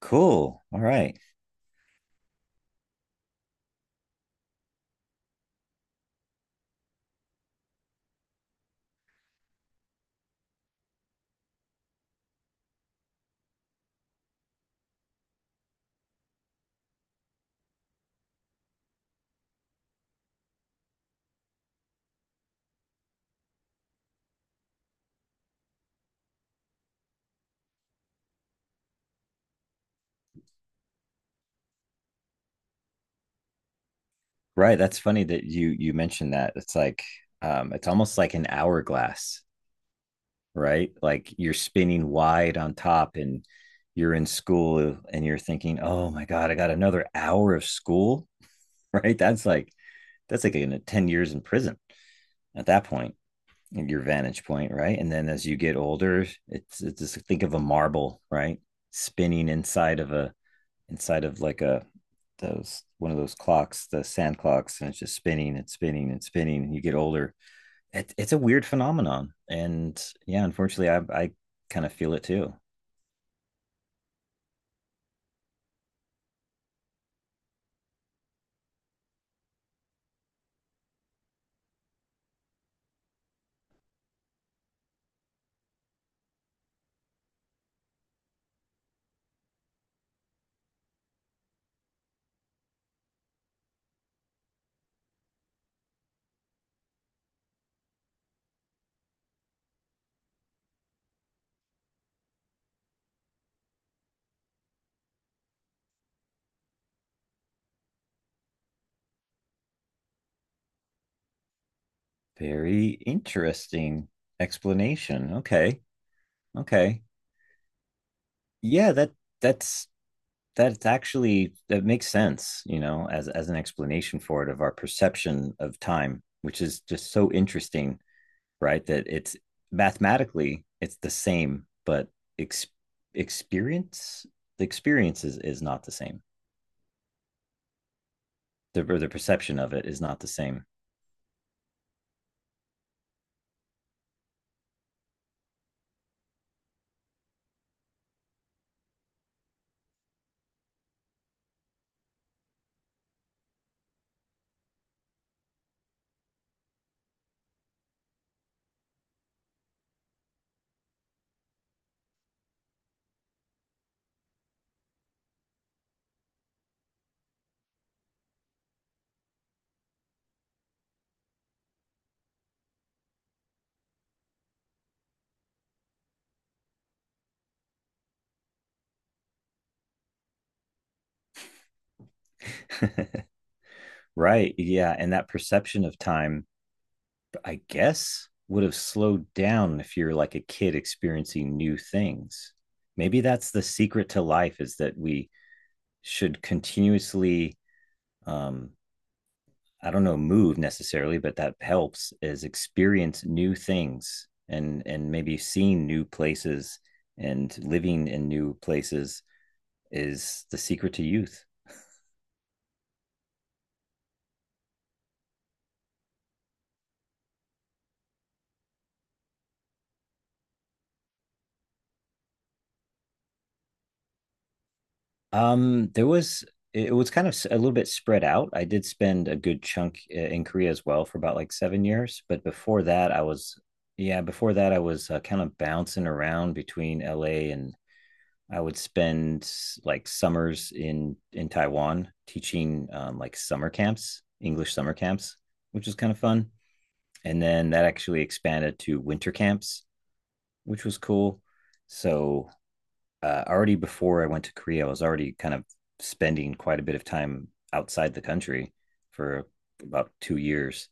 Cool. All right. Right. That's funny that you mentioned that. It's like it's almost like an hourglass, right? Like you're spinning wide on top and you're in school and you're thinking, "Oh my God, I got another hour of school." Right? That's like in a 10 years in prison at that point, at your vantage point, right? And then as you get older, it's just think of a marble, right? Spinning inside of a inside of like a those one of those clocks, the sand clocks, and it's just spinning and spinning and spinning. And you get older. It's a weird phenomenon, and yeah, unfortunately, I kind of feel it too. Very interesting explanation. Okay, okay, yeah that's that's actually that makes sense. You know, as an explanation for it of our perception of time, which is just so interesting right? That it's mathematically it's the same, but ex- experience the experience is not the same. The or the perception of it is not the same. Right. Yeah. And that perception of time, I guess, would have slowed down if you're like a kid experiencing new things. Maybe that's the secret to life is that we should continuously um, I don't know move necessarily, but that helps is experience new things and maybe seeing new places and living in new places is the secret to youth. There was it was kind of a little bit spread out. I did spend a good chunk in Korea as well for about like 7 years, but before that, I was yeah, before that I was kind of bouncing around between LA and I would spend like summers in Taiwan teaching like summer camps, English summer camps, which was kind of fun. And then that actually expanded to winter camps, which was cool. So already before I went to Korea, I was already kind of spending quite a bit of time outside the country for about 2 years.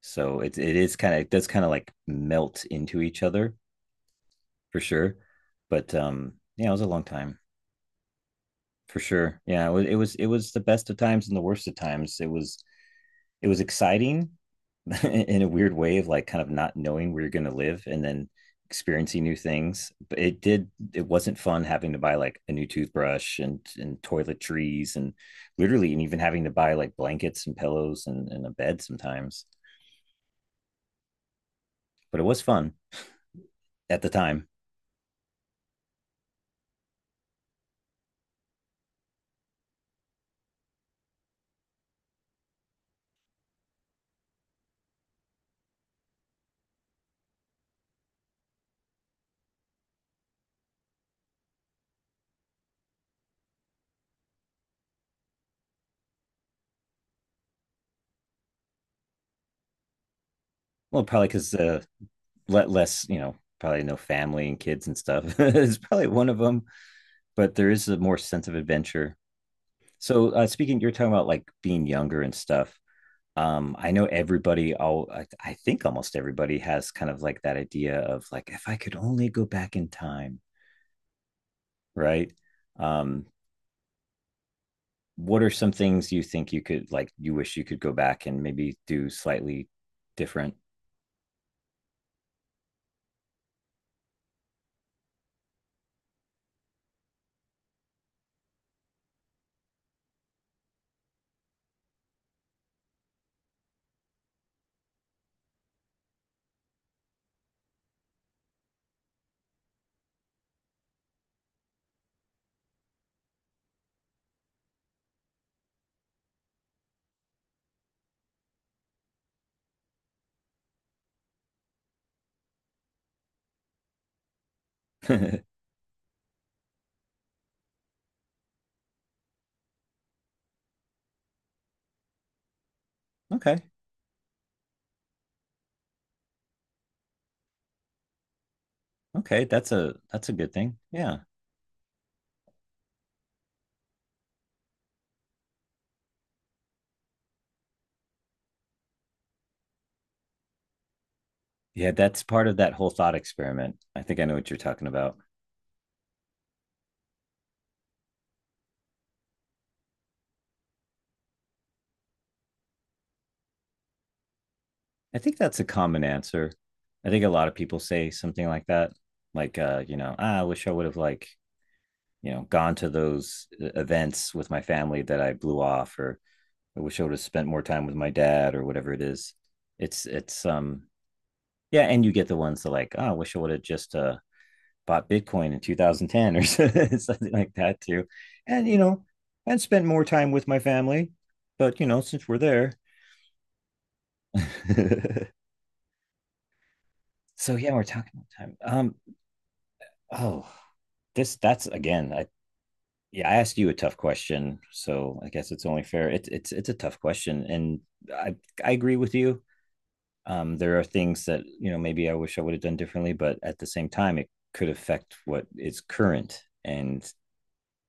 So it is kind of it does kind of like melt into each other for sure. But yeah, it was a long time for sure. Yeah, it was the best of times and the worst of times. It was exciting in a weird way of like kind of not knowing where you're going to live and then experiencing new things but it wasn't fun having to buy like a new toothbrush and toiletries and literally and even having to buy like blankets and pillows and a bed sometimes but it was fun at the time well probably because let less you know probably no family and kids and stuff is probably one of them but there is a more sense of adventure. So you're talking about like being younger and stuff. I know everybody. All I think almost everybody has kind of like that idea of like if I could only go back in time, right? Um, what are some things you think you could like you wish you could go back and maybe do slightly different? Okay, okay, that's a good thing. Yeah, yeah, that's part of that whole thought experiment. I think I know what you're talking about. I think that's a common answer. I think a lot of people say something like that, like you know, ah, I wish I would have like you know gone to those events with my family that I blew off, or I wish I would have spent more time with my dad, or whatever it is. It's yeah, and you get the ones that like, oh, I wish I would have just bought Bitcoin in 2010 or something like that too, and you know, and spent more time with my family. But you know, since we're there, so yeah, we're talking about time. Oh, this that's again. I yeah, I asked you a tough question, so I guess it's only fair. It's a tough question, and I I agree with you. There are things that you know maybe I wish I would have done differently, but at the same time, it could affect what is current, and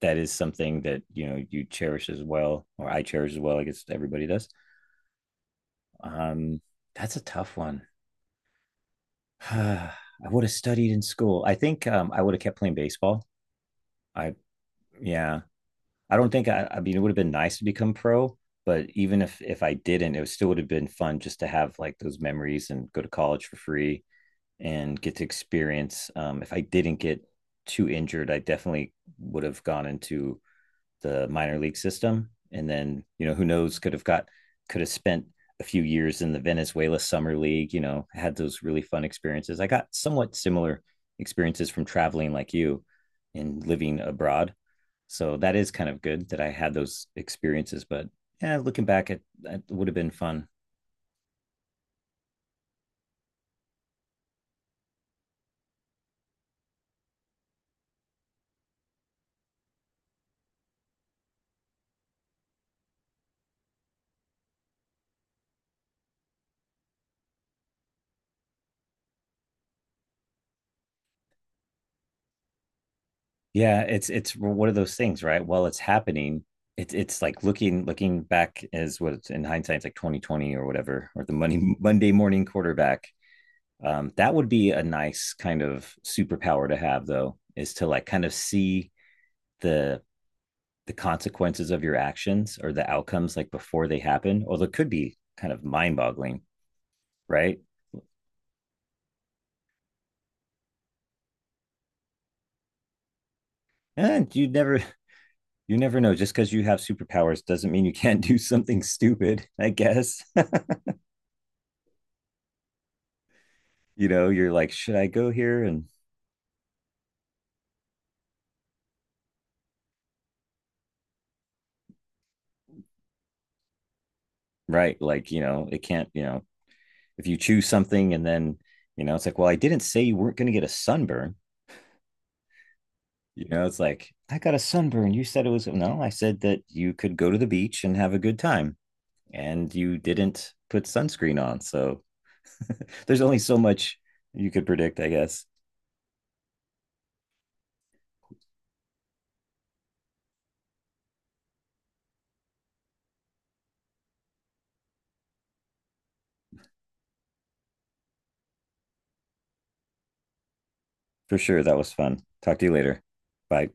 that is something that you know you cherish as well, or I cherish as well. I guess everybody does. Um, that's a tough one. I would have studied in school. I think I would have kept playing baseball. I yeah, I don't think I mean, it would have been nice to become pro, but even if I didn't, it still would have been fun just to have like those memories and go to college for free and get to experience. If I didn't get too injured, I definitely would have gone into the minor league system, and then you know who knows could have spent a few years in the Venezuela summer league. You know, had those really fun experiences. I got somewhat similar experiences from traveling like you and living abroad so that is kind of good that I had those experiences. But yeah, looking back, it would have been fun. Yeah, it's one of those things, right? While it's happening, it's like looking back as what it's in hindsight, it's like 2020 whatever, or the money Monday morning quarterback. That would be a nice kind of superpower to have, though, is to like kind of see the the consequences of your actions or the outcomes like before they happen. Although it could be kind of mind boggling, right? And you never know just because you have superpowers doesn't mean you can't do something stupid I guess. You know you're like should I go here and right like you know it can't you know if you choose something and then you know it's like well I didn't say you weren't going to get a sunburn you know it's like I got a sunburn you said it was no I said that you could go to the beach and have a good time and you didn't put sunscreen on so there's only so much you could predict I guess for sure that was fun talk to you later bye